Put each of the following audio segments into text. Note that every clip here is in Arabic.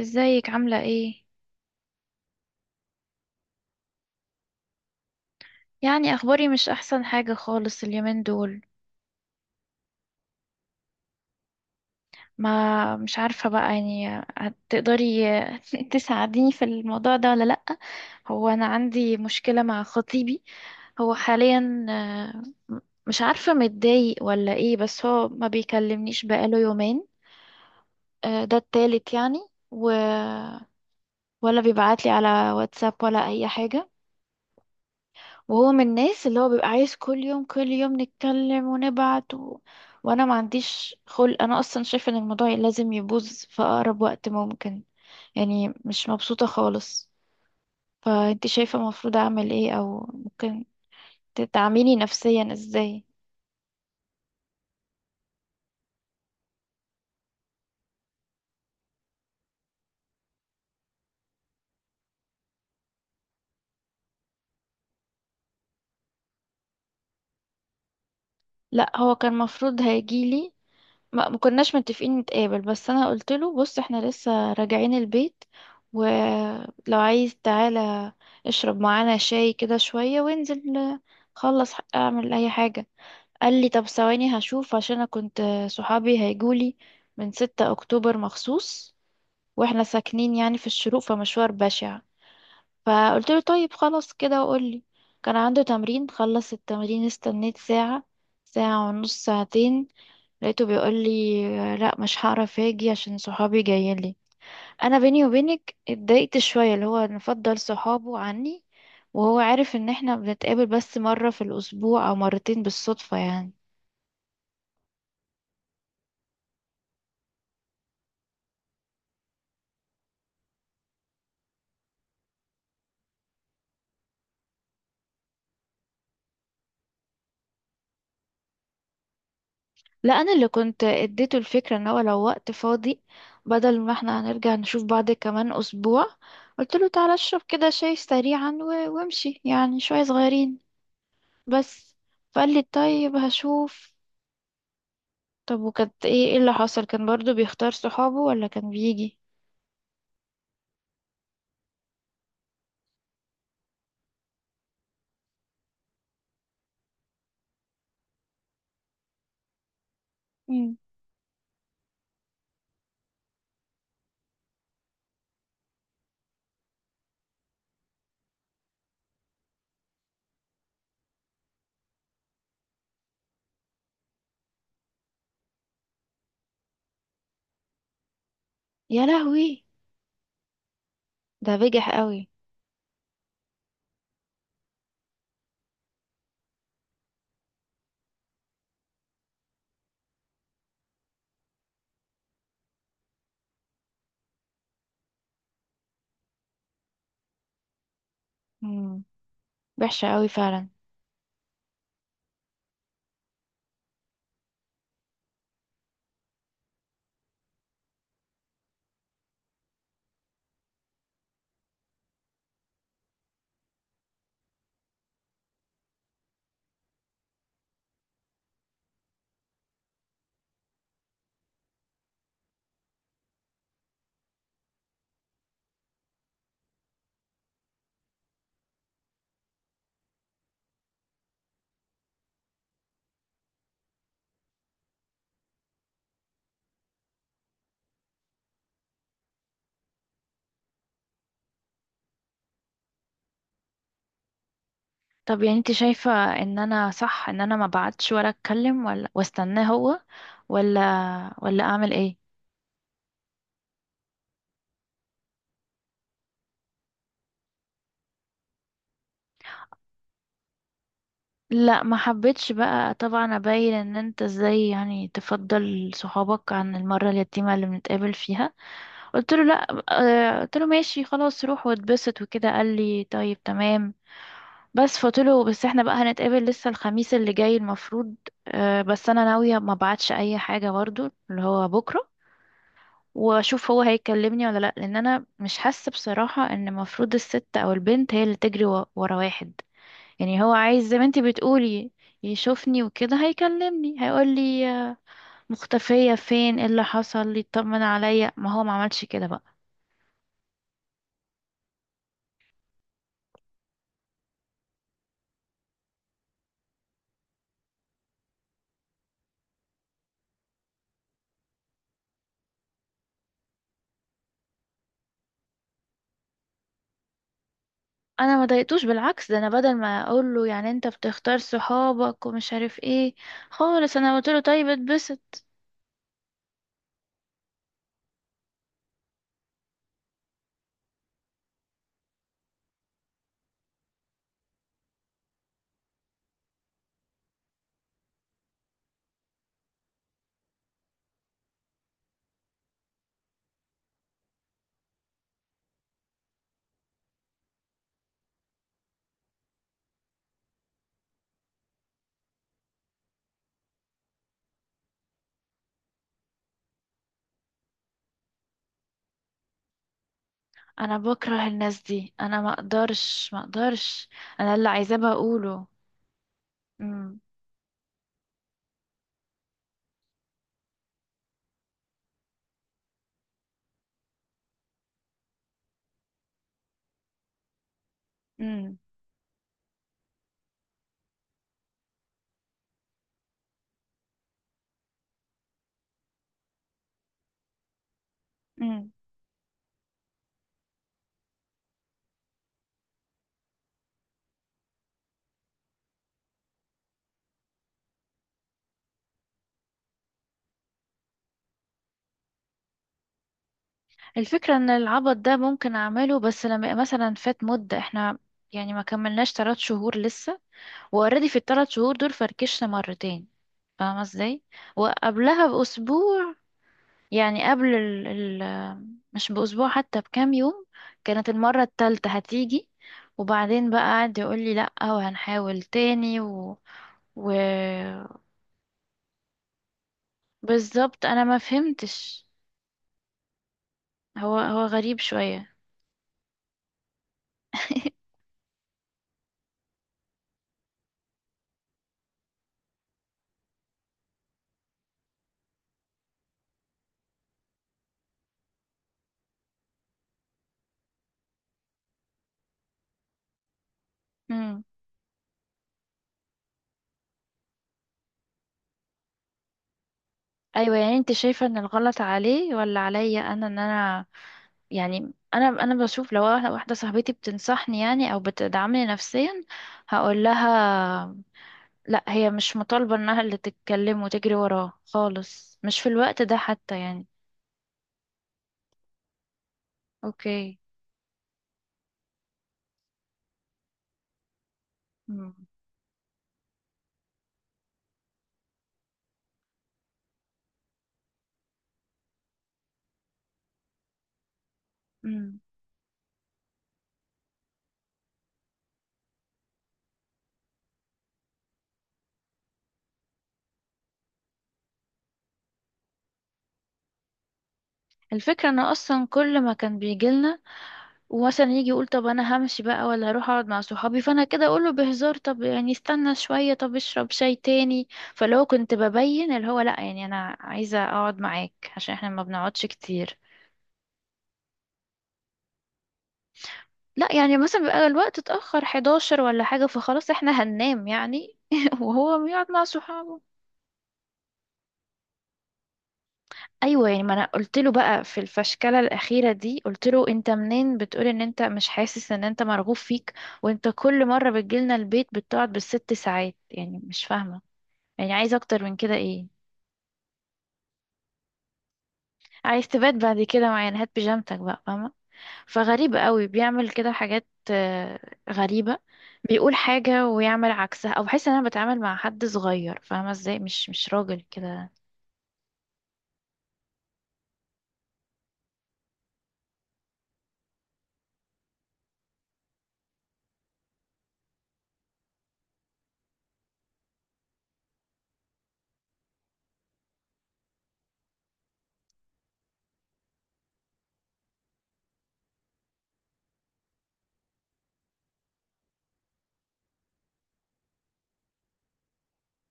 ازيك عاملة ايه؟ يعني اخباري مش احسن حاجة خالص اليومين دول. ما مش عارفة بقى يعني. هتقدري تساعديني في الموضوع ده ولا لأ؟ هو انا عندي مشكلة مع خطيبي. هو حاليا م- مش عارفة متضايق ولا ايه، بس هو ما بيكلمنيش بقاله يومين. ده التالت يعني و... ولا بيبعتلي على واتساب ولا اي حاجة. وهو من الناس اللي هو بيبقى عايز كل يوم كل يوم نتكلم ونبعت. وانا ما عنديش خلق، انا اصلا شايفه ان الموضوع لازم يبوظ في اقرب وقت ممكن. يعني مش مبسوطه خالص. فانت شايفه المفروض اعمل ايه، او ممكن تدعميني نفسيا ازاي؟ لا، هو كان المفروض هيجيلي. ما كناش متفقين نتقابل، بس انا قلت له بص احنا لسه راجعين البيت، ولو عايز تعالى اشرب معانا شاي كده شوية، وانزل خلص اعمل اي حاجة. قال لي طب ثواني هشوف، عشان انا كنت صحابي هيجولي من 6 اكتوبر مخصوص، واحنا ساكنين يعني في الشروق فمشوار بشع. فقلت له طيب خلاص كده وقول لي. كان عنده تمرين، خلص التمرين استنيت ساعة، ساعة ونص، ساعتين. لقيته بيقول لي لا مش هعرف اجي عشان صحابي جايين لي. انا بيني وبينك اتضايقت شويه، اللي هو نفضل صحابه عني، وهو عارف ان احنا بنتقابل بس مره في الاسبوع او مرتين بالصدفه يعني. لا، انا اللي كنت اديته الفكره ان هو لو وقت فاضي، بدل ما احنا هنرجع نشوف بعض كمان اسبوع، قلت له تعالى اشرب كده شاي سريعا وامشي يعني شويه صغيرين بس. فقال لي طيب هشوف. طب وكانت ايه، اللي حصل؟ كان برضو بيختار صحابه ولا كان بيجي؟ مم. يا لهوي، ده بجح قوي. امم وحشة قوي فعلا. طب يعني انت شايفة ان انا صح، ان انا ما بعتش ولا اتكلم ولا واستناه هو، ولا ولا اعمل ايه؟ لا ما حبيتش بقى طبعا ابين ان انت ازاي يعني تفضل صحابك عن المرة اليتيمة اللي بنتقابل فيها. قلت له لا. قلت له ماشي خلاص روح واتبسط وكده، قال لي طيب تمام. بس فقلتله بس احنا بقى هنتقابل لسه الخميس اللي جاي المفروض. بس انا ناوية ما بعتش اي حاجة برضو اللي هو بكرة، واشوف هو هيكلمني ولا لا، لان انا مش حاسة بصراحة ان المفروض الست او البنت هي اللي تجري ورا واحد. يعني هو عايز زي ما انتي بتقولي يشوفني وكده، هيكلمني هيقولي: مختفية فين، ايه اللي حصل، يطمن عليا. ما هو ما عملش كده بقى. انا ما ضايقتوش، بالعكس ده انا بدل ما اقول له يعني انت بتختار صحابك ومش عارف ايه خالص، انا قلت له طيب اتبسط. انا بكره الناس دي، انا ما اقدرش ما اقدرش. انا اللي عايزاه بقوله. امم امم امم الفكره ان العبط ده ممكن اعمله، بس لما يبقى مثلا فات مده. احنا يعني ما كملناش 3 شهور لسه، واوريدي في الثلاث شهور دول فركشنا مرتين، فاهمه ازاي؟ وقبلها باسبوع، يعني قبل مش بأسبوع حتى، بكام يوم، كانت المرة التالتة هتيجي. وبعدين بقى قعد يقول لي لأ وهنحاول تاني و... بالظبط أنا ما فهمتش. هو غريب شوية. مم. أيوة يعني أنت شايفة إن الغلط عليه ولا عليا أنا؟ إن أنا يعني، أنا بشوف لو واحدة صاحبتي بتنصحني يعني أو بتدعمني نفسيا، هقول لها لا، هي مش مطالبة انها اللي تتكلم وتجري وراه خالص، مش في الوقت ده حتى يعني. اوكي. مم. مم. الفكرة ان اصلا كل ما كان بيجيلنا ومثلا يجي يقول طب انا همشي بقى ولا هروح اقعد مع صحابي، فانا كده اقوله بهزار طب يعني استنى شوية، طب اشرب شاي تاني. فلو كنت ببين اللي هو لا يعني انا عايزة اقعد معاك عشان احنا ما بنقعدش كتير. لا يعني مثلا بيبقى الوقت اتأخر 11 ولا حاجة، فخلاص احنا هننام يعني، وهو بيقعد مع صحابه. ايوه، يعني ما انا قلت له بقى في الفشكله الاخيره دي، قلت له انت منين بتقول ان انت مش حاسس ان انت مرغوب فيك، وانت كل مره بتجيلنا البيت بتقعد بالست ساعات، يعني مش فاهمه، يعني عايز اكتر من كده ايه؟ عايز تبات بعد كده معانا، هات بيجامتك بقى فاهمه. فغريب قوي، بيعمل كده حاجات غريبه. بيقول حاجه ويعمل عكسها، او بحس ان انا بتعامل مع حد صغير، فاهمه ازاي؟ مش راجل كده.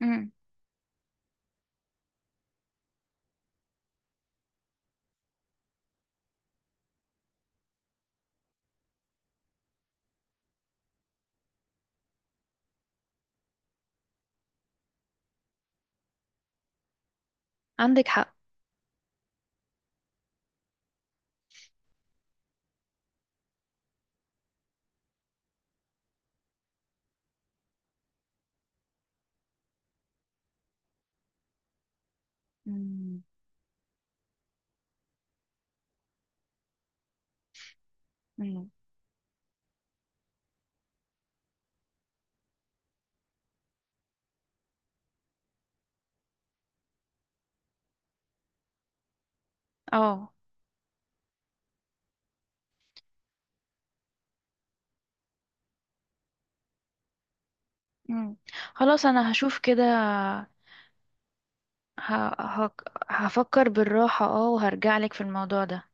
مم. عندك حق. مم. مم. اه. مم. خلاص انا هشوف كده. ه... ه... هفكر بالراحة، وهرجع لك في الموضوع ده.